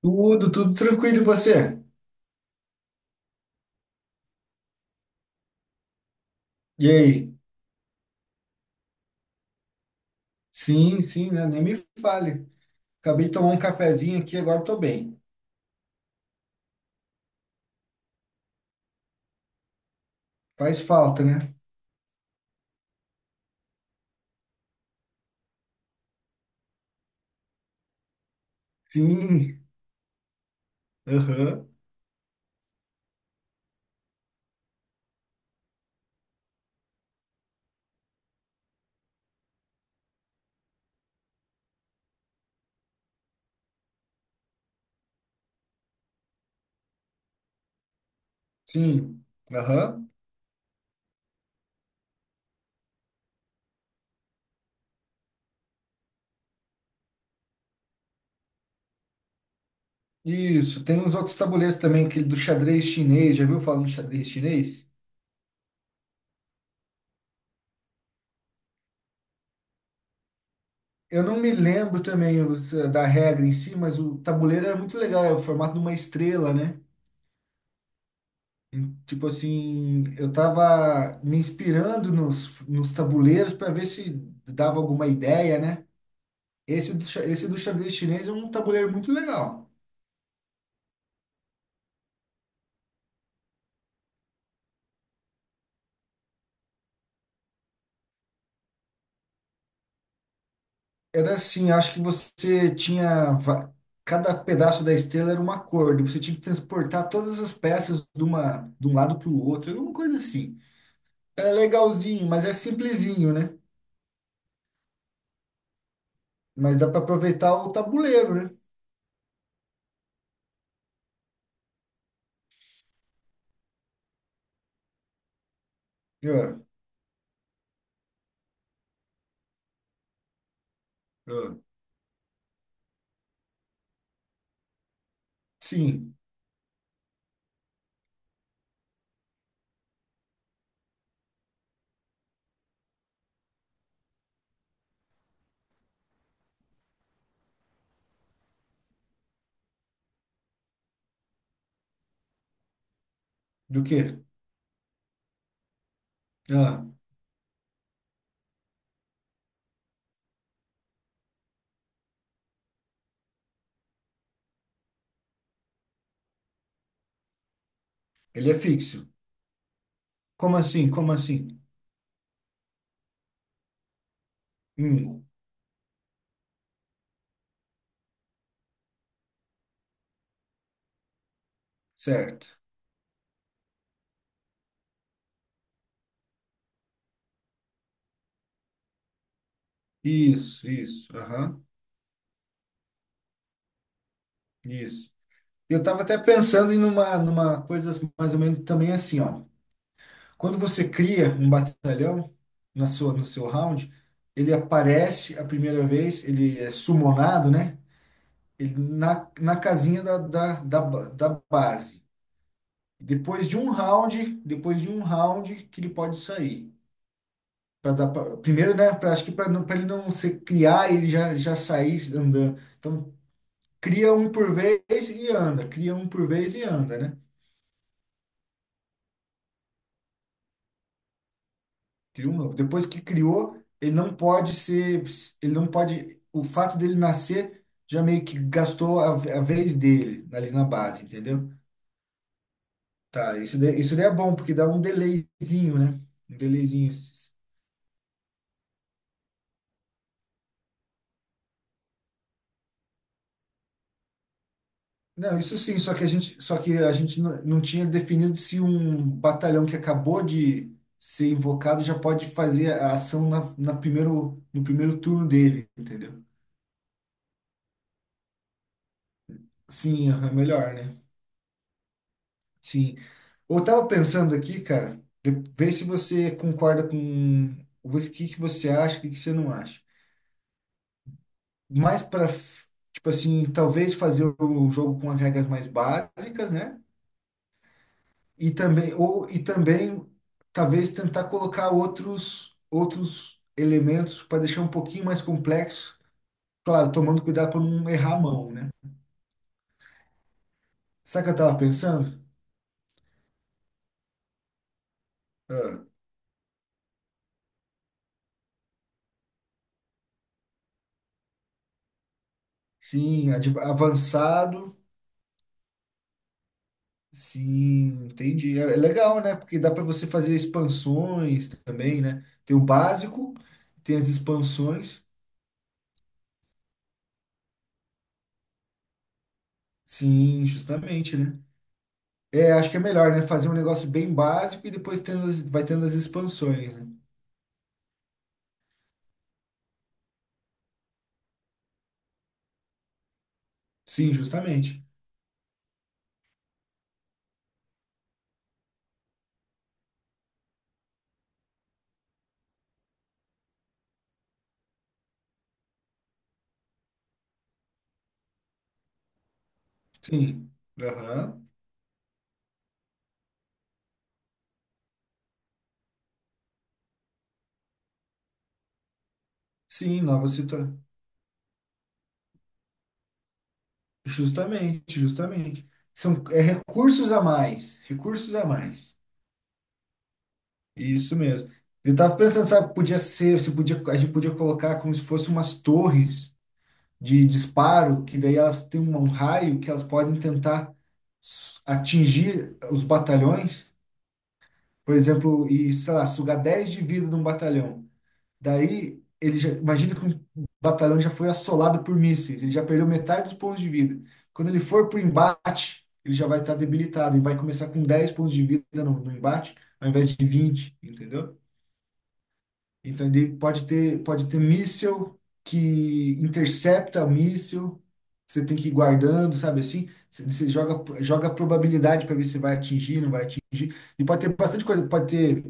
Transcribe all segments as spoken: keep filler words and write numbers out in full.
Tudo, tudo tranquilo, e você? E aí? Sim, sim, né? Nem me fale. Acabei de tomar um cafezinho aqui, agora tô bem. Faz falta, né? Sim. Aham. Sim. Aham. Isso. Tem uns outros tabuleiros também, aquele do xadrez chinês. Já viu falando do xadrez chinês? Eu não me lembro também os, eh, da regra em si, mas o tabuleiro era muito legal, é o formato de uma estrela, né? Em- Tipo assim, eu tava me inspirando nos, nos tabuleiros para ver se dava alguma ideia, né? Esse do, xa- esse do xadrez chinês é um tabuleiro muito legal. Era assim, acho que você tinha. va- cada pedaço da estrela era uma cor, e você tinha que transportar todas as peças de, uma, de um lado para o outro, alguma coisa assim. Era legalzinho, mas é simplesinho, né? Mas dá para aproveitar o tabuleiro, né? Ah, ah, Sim. Do quê? Ah, ele é fixo. Como assim? Como assim? Hum, certo. Isso, isso. Aham, isso. Eu estava até pensando em uma, numa coisa mais ou menos também assim, ó. Quando você cria um batalhão na sua, no seu round, ele aparece a primeira vez, ele é summonado, né? Ele na, na casinha da, da, da, ba- da base. Depois de um round, depois de um round que ele pode sair. Pra dar pra- primeiro, né? Pra, acho que para ele não se criar, ele já, já sair andando. Então, cria um por vez e anda, cria um por vez e anda, né? Criou um novo. Depois que criou, ele não pode ser, ele não pode, o fato dele nascer já meio que gastou a, a vez dele ali na base, entendeu? Tá, isso daí, isso daí é bom, porque dá um delayzinho, né? Um delayzinho. Não, isso sim, só que a gente, só que a gente não, não tinha definido se um batalhão que acabou de ser invocado já pode fazer a ação na, na primeiro, no primeiro turno dele, entendeu? Sim, aham, melhor, né? Sim. Eu tava pensando aqui, cara, de- vê se você concorda com o que que você acha, o que que você não acha. Mais para, tipo assim, talvez fazer o jogo com as regras mais básicas, né? E também ou e também talvez tentar colocar outros outros elementos para deixar um pouquinho mais complexo, claro, tomando cuidado para não errar a mão, né? Sabe o que eu tava pensando? Ah, sim, adv- avançado. Sim, entendi. É é legal, né? Porque dá para você fazer expansões também, né? Tem o básico, tem as expansões. Sim, justamente, né? É, acho que é melhor, né? Fazer um negócio bem básico e depois tendo as- vai tendo as expansões, né? Sim, justamente. Sim. Aham. Sim, nova situação. Justamente, justamente. São, é recursos a mais. Recursos a mais. Isso mesmo. Eu tava pensando, sabe, podia ser, se podia, a gente podia colocar como se fosse umas torres de disparo, que daí elas têm um raio que elas podem tentar s- atingir os batalhões, por exemplo, e, sei lá, sugar dez de vida de um batalhão. Daí, ele já, imagina que um batalhão já foi assolado por mísseis, ele já perdeu metade dos pontos de vida. Quando ele for para o embate, ele já vai estar debilitado e vai começar com dez pontos de vida no, no embate, ao invés de vinte, entendeu? Então, ele pode ter, pode ter míssil que intercepta o míssil. Você tem que ir guardando, sabe assim? Você você joga, joga a probabilidade para ver se vai atingir, não vai atingir. E pode ter bastante coisa. Pode ter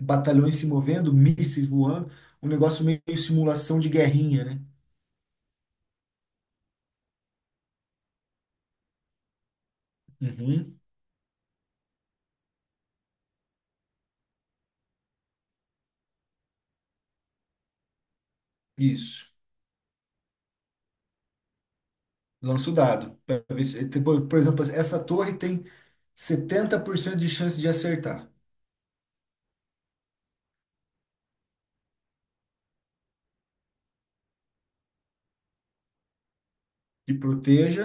batalhões se movendo, mísseis voando. Um negócio meio simulação de guerrinha, né? Uhum, isso. Lança o dado. Pra ver se- tipo, por exemplo, essa torre tem setenta por cento de chance de acertar. E proteja,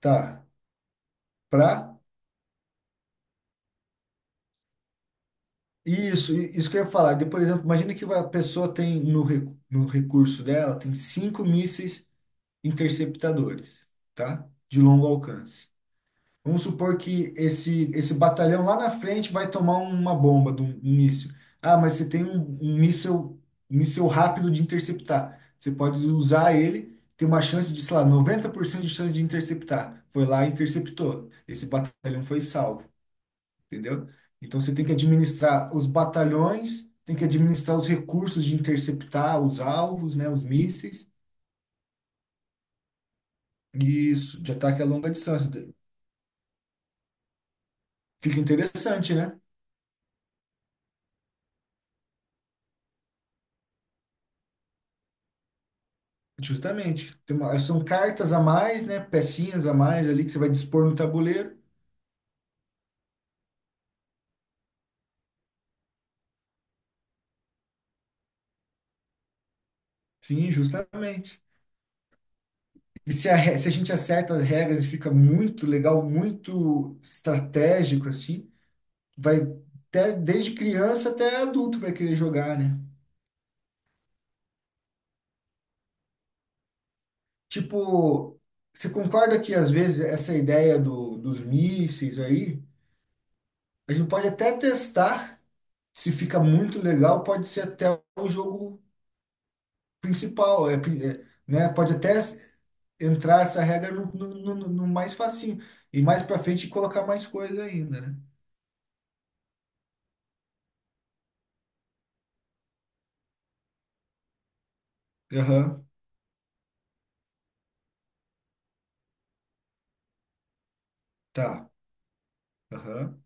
tá? Pra Isso, i- isso que eu ia falar. De, por exemplo, imagina que vai- a pessoa tem no, recu- no recurso dela, tem cinco mísseis interceptadores, tá? De longo alcance. Vamos supor que esse, esse batalhão lá na frente vai tomar uma bomba de um, um míssil. Ah, mas você tem um, um míssil, um míssil rápido de interceptar. Você pode usar ele, tem uma chance de, sei lá, noventa por cento de chance de interceptar. Foi lá e interceptou. Esse batalhão foi salvo, entendeu? Então você tem que administrar os batalhões, tem que administrar os recursos de interceptar os alvos, né, os mísseis, e isso, de ataque a longa distância. Fica interessante, né? Justamente. Tem uma- são cartas a mais, né, pecinhas a mais ali que você vai dispor no tabuleiro. Sim, justamente. E se a, re- se a gente acerta as regras e fica muito legal, muito estratégico assim, vai até, desde criança até adulto vai querer jogar, né? Tipo, você concorda que às vezes essa ideia do, dos mísseis aí, a gente pode até testar se fica muito legal, pode ser até o jogo principal, é, pri- é, né? Pode até entrar essa regra no, no, no- no mais facinho e mais para frente colocar mais coisa ainda, né? Aham, tá. Aham.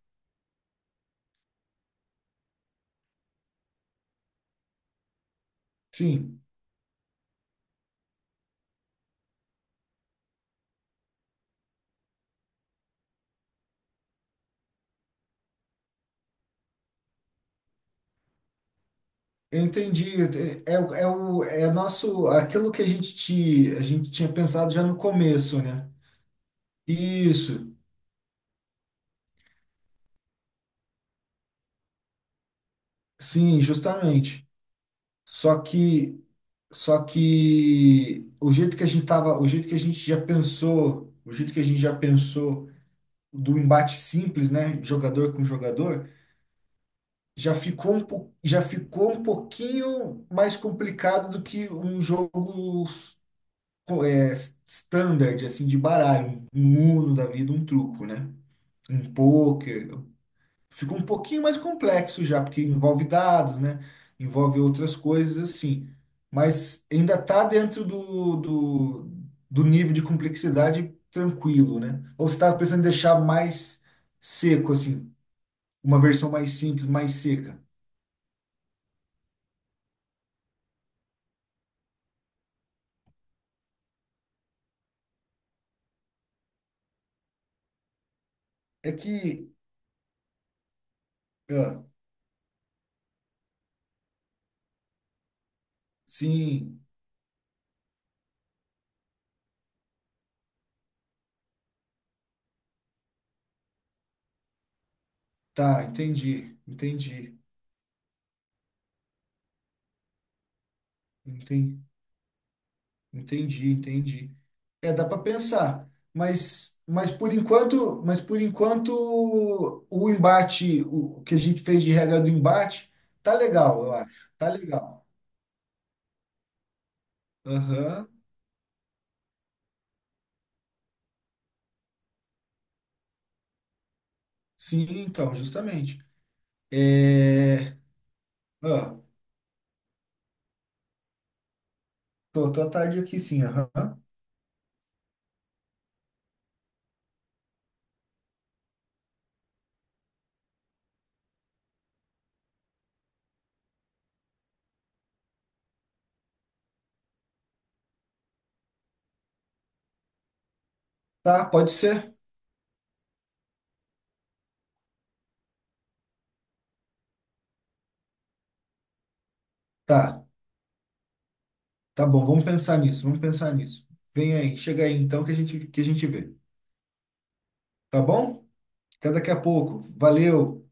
Sim. Eu entendi. É, é o- é, o, é nosso, aquilo que a gente, ti- a gente tinha pensado já no começo, né? Isso. Sim, justamente. Só que, só que o jeito que a gente tava, o jeito que a gente já pensou, o jeito que a gente já pensou do embate simples, né, jogador com jogador, já ficou um, po- já ficou um pouquinho mais complicado do que um jogo co- é, standard, assim, de baralho, um um Uno da vida, um truco, né? Um pôquer. Fica um pouquinho mais complexo já, porque envolve dados, né? Envolve outras coisas assim. Mas ainda está dentro do, do, do nível de complexidade tranquilo, né? Ou você estava pensando em deixar mais seco, assim, uma versão mais simples, mais seca? É que, ah, sim, tá, entendi, entendi, entendi. Entendi, entendi. É, dá para pensar, mas mas por enquanto, mas por enquanto o embate, o que a gente fez de regra do embate, tá legal, eu acho. Tá legal. Aham. Sim, então, justamente. É, ah, tô, tô à tarde aqui, sim, aham. Tá, pode ser? Tá. Tá bom, vamos pensar nisso, vamos pensar nisso. Vem aí, chega aí então que a gente que a gente vê. Tá bom? Até daqui a pouco. Valeu.